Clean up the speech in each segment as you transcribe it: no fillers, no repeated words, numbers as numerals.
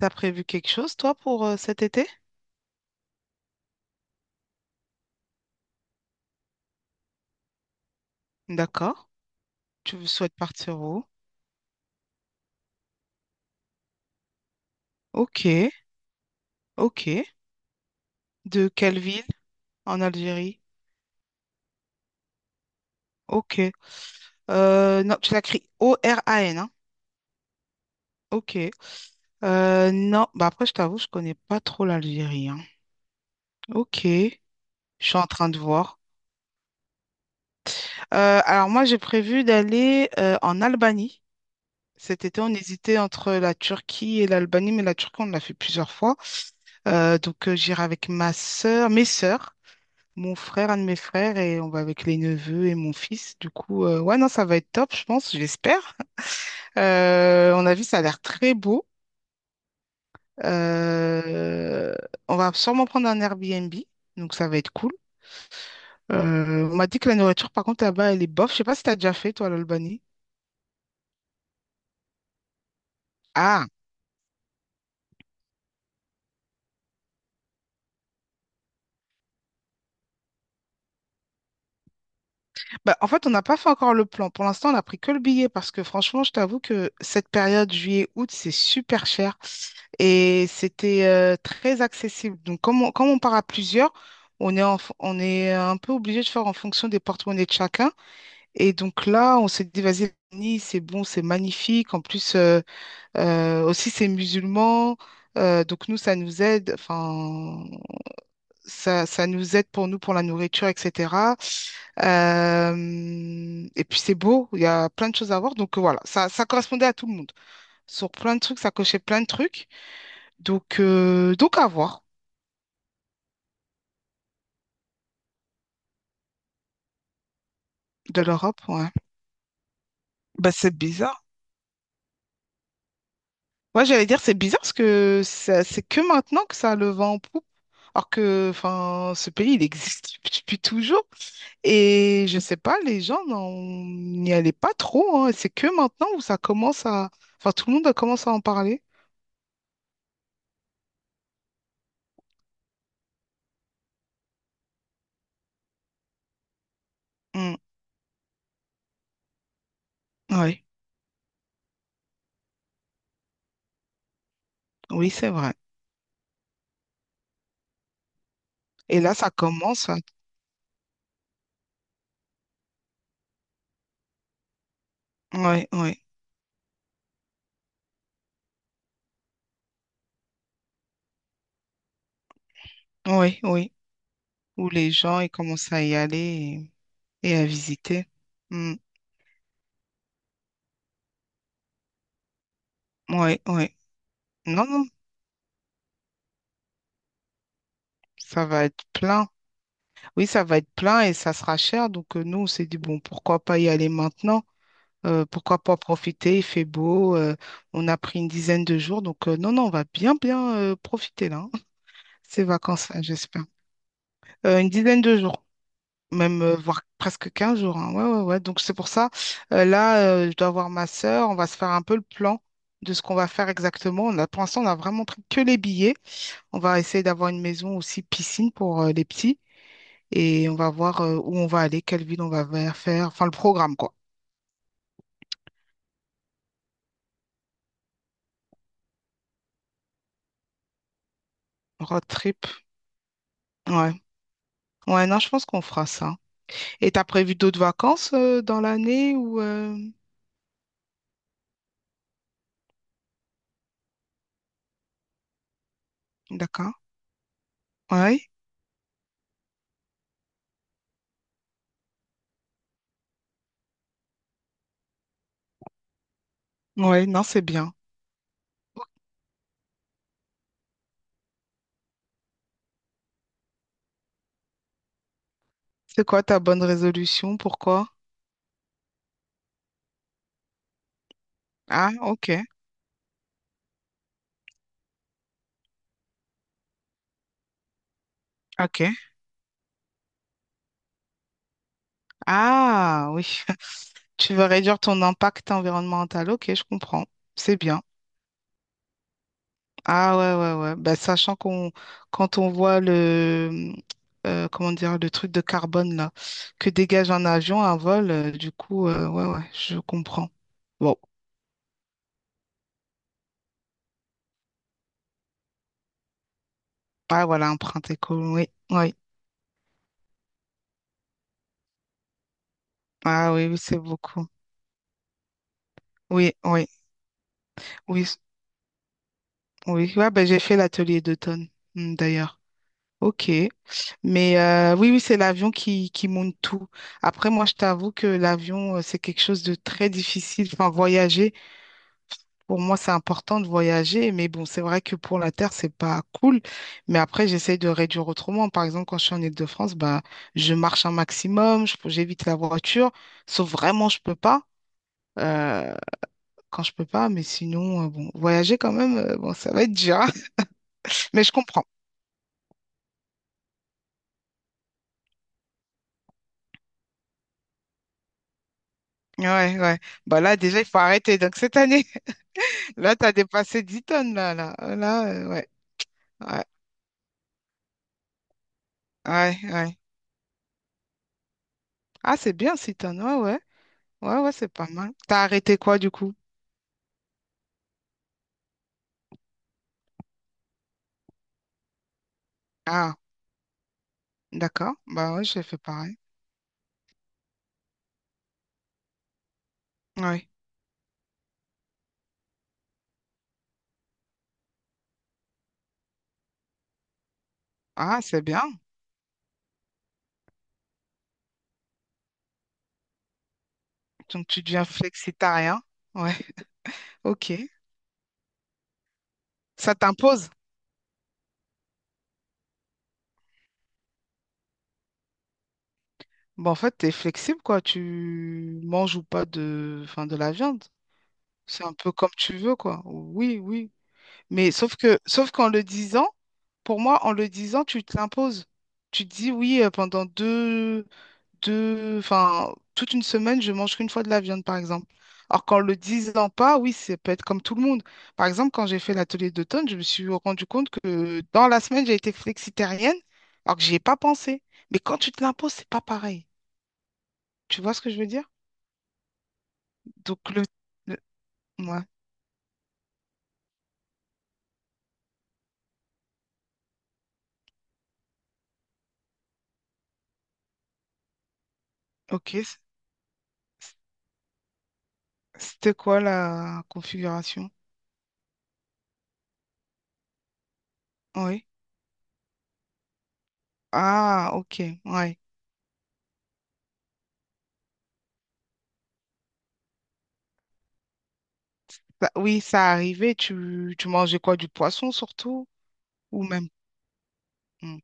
T'as prévu quelque chose, toi, pour cet été? D'accord. Tu souhaites partir où? Ok, ok. De quelle ville en Algérie? Ok. Non, tu l'écris O-R-A-N, hein? Ok. Non, bah après, je t'avoue, je connais pas trop l'Algérie, hein. Ok. Je suis en train de voir. Alors moi, j'ai prévu d'aller en Albanie. Cet été, on hésitait entre la Turquie et l'Albanie, mais la Turquie, on l'a fait plusieurs fois. Donc, j'irai avec ma sœur, mes sœurs. Mon frère, un de mes frères, et on va avec les neveux et mon fils. Du coup, ouais, non, ça va être top, je pense, j'espère. On a vu, ça a l'air très beau. Euh, on va sûrement prendre un Airbnb, donc ça va être cool. On m'a dit que la nourriture, par contre, là-bas, elle est bof. Je sais pas si t'as déjà fait, toi, l'Albanie. Ah, bah, en fait, on n'a pas fait encore le plan. Pour l'instant, on a pris que le billet parce que franchement, je t'avoue que cette période juillet-août, c'est super cher. Et c'était très accessible. Donc, comme on part à plusieurs, on est un peu obligé de faire en fonction des porte-monnaies de chacun. Et donc là, on s'est dit, vas-y, Nice, c'est bon, c'est magnifique. En plus, aussi, c'est musulman. Donc nous, ça nous aide, enfin, ça nous aide pour nous, pour la nourriture, etc. Et puis c'est beau, il y a plein de choses à voir. Donc voilà, ça correspondait à tout le monde. Sur plein de trucs, ça cochait plein de trucs. Donc à voir. De l'Europe, ouais. Bah, c'est bizarre. Ouais, j'allais dire, c'est bizarre parce que c'est que maintenant que ça a le vent en poupe. Alors que, enfin, ce pays, il existe depuis toujours. Et je sais pas, les gens n'y allaient pas trop, hein. C'est que maintenant où ça commence à Enfin, tout le monde commence à en parler. Mm. Ouais. Oui, c'est vrai. Et là, ça commence à Ouais, ouais. Oui, oui. Où les gens, ils commencent à y aller et à visiter. Mm. Ouais, ouais. Non, non, ça va être plein. Oui, ça va être plein et ça sera cher. Donc, nous, on s'est dit, bon, pourquoi pas y aller maintenant? Pourquoi pas profiter? Il fait beau. On a pris une dizaine de jours. Donc, non, non, on va bien, bien, profiter là, hein. Ces vacances-là, j'espère. Une dizaine de jours, même, voire presque 15 jours, hein. Ouais, ouais, ouais. Donc, c'est pour ça. Là, je dois voir ma sœur. On va se faire un peu le plan de ce qu'on va faire exactement. Pour l'instant, on a vraiment pris que les billets. On va essayer d'avoir une maison aussi piscine pour les petits et on va voir où on va aller, quelle ville on va faire, enfin le programme quoi. Road trip, ouais. Ouais, non, je pense qu'on fera ça. Et t'as prévu d'autres vacances dans l'année ou D'accord. Ouais, ouais, non, c'est bien. C'est quoi ta bonne résolution? Pourquoi? Ah, ok, ok. Ah, oui. Tu veux réduire ton impact environnemental. Ok, je comprends. C'est bien. Ah ouais, ouais, ouais. Bah, sachant qu'on quand on voit le comment dire le truc de carbone là que dégage un avion, un vol, du coup, ouais, ouais, je comprends. Bon, ah voilà, empreinte écolo, oui, oui. Ah oui, oui, c'est beaucoup. Oui, oui, oui, oui. Ouais, bah, j'ai fait l'atelier d'automne, d'ailleurs. Ok. Mais oui, oui, c'est l'avion qui monte tout. Après, moi, je t'avoue que l'avion, c'est quelque chose de très difficile. Enfin, voyager. Pour moi, c'est important de voyager, mais bon, c'est vrai que pour la Terre, c'est pas cool. Mais après, j'essaye de réduire autrement. Par exemple, quand je suis en Île-de-France, bah, je marche un maximum, j'évite la voiture, sauf vraiment, je peux pas. euh, quand je peux pas, mais sinon, bon, voyager quand même, bon, ça va être dur, hein. Mais je comprends. Ouais, ouais. Bah là, déjà, il faut arrêter. Donc cette année, là, t'as dépassé 10 tonnes, là, là. Là, ouais. Ouais, ouais, ouais. Ah, c'est bien, 6 tonnes. Ouais, ouais. Ouais, ouais, c'est pas mal. T'as arrêté quoi, du coup? Ah. D'accord. Bah ouais, j'ai fait pareil. Ouais. Ah, c'est bien. Donc tu deviens flexitarien. Ouais. Ok. Ça t'impose. Bon, en fait, t'es flexible, quoi. Tu manges ou pas de, enfin, de la viande. C'est un peu comme tu veux, quoi. Oui, oui. Mais sauf qu'en le disant, pour moi, en le disant, tu te l'imposes. Tu te dis oui pendant enfin, toute une semaine, je mange qu'une fois de la viande, par exemple. Alors qu'en le disant pas, oui, ça peut être comme tout le monde. Par exemple, quand j'ai fait l'atelier d'automne, je me suis rendu compte que dans la semaine, j'ai été flexitarienne, alors que j'y ai pas pensé. Mais quand tu te l'imposes, c'est pas pareil. Tu vois ce que je veux dire? Donc, le- ouais, ok. C- C'était quoi la configuration? Oui. Ah, ok, ouais. Oui, ça arrivait. Tu mangeais quoi? Du poisson surtout? Ou même. Hmm.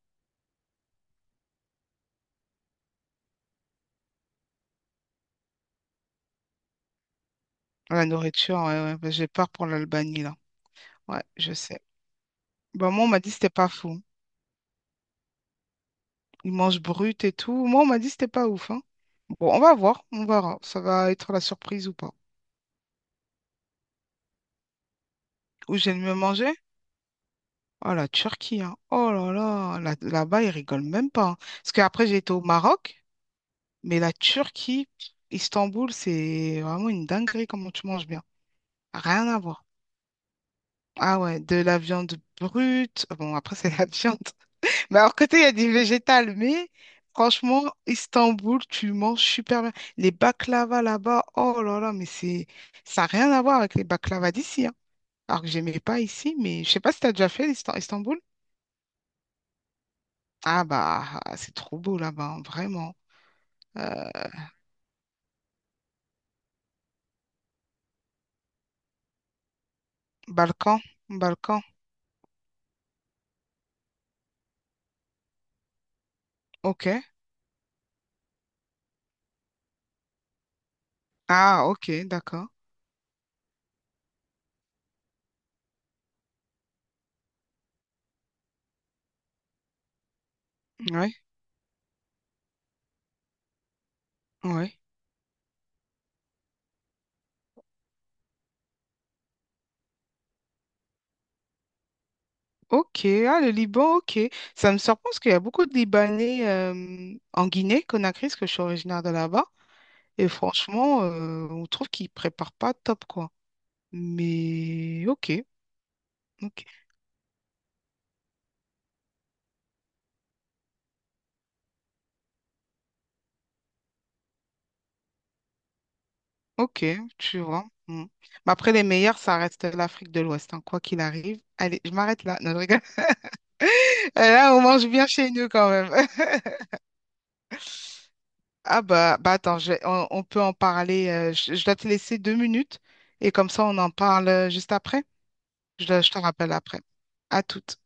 La nourriture, ouais, ouais. Bah, j'ai peur pour l'Albanie, là. Ouais, je sais. Bah, moi, on m'a dit que c'était pas fou. Ils mangent brut et tout. Moi, on m'a dit que c'était pas ouf, hein. Bon, on va voir, on verra. Ça va être la surprise ou pas. Où j'ai le mieux mangé? Oh, la Turquie, hein. Oh là là, là-bas, ils rigolent même pas, hein. Parce qu'après, j'ai été au Maroc, mais la Turquie, Istanbul, c'est vraiment une dinguerie comment tu manges bien. Rien à voir. Ah ouais, de la viande brute. Bon, après, c'est la viande. Mais alors, côté, il y a du végétal, mais franchement, Istanbul, tu manges super bien. Les baklava là-bas, oh là là, mais c'est ça n'a rien à voir avec les baklava d'ici, hein. Alors que j'aimais pas ici, mais je sais pas si tu as déjà fait Istanbul. Ah bah, ah, c'est trop beau là-bas, hein, vraiment. Euh, Balkan, Balkan, ok. Ah, ok, d'accord. Ouais, ouais. Ok, ah, le Liban, ok. Ça me surprend parce qu'il y a beaucoup de Libanais en Guinée, Conakry, parce que je suis originaire de là-bas. Et franchement, on trouve qu'ils préparent pas top, quoi. Mais ok, ok, ok, tu vois. Mm. Mais après, les meilleurs, ça reste l'Afrique de l'Ouest, hein, quoi qu'il arrive. Allez, je m'arrête là. Non, je rigole. Là, on mange bien chez nous quand même. Ah bah, bah attends, on peut en parler. Je dois te laisser 2 minutes et comme ça, on en parle juste après. Je te rappelle après. À toutes.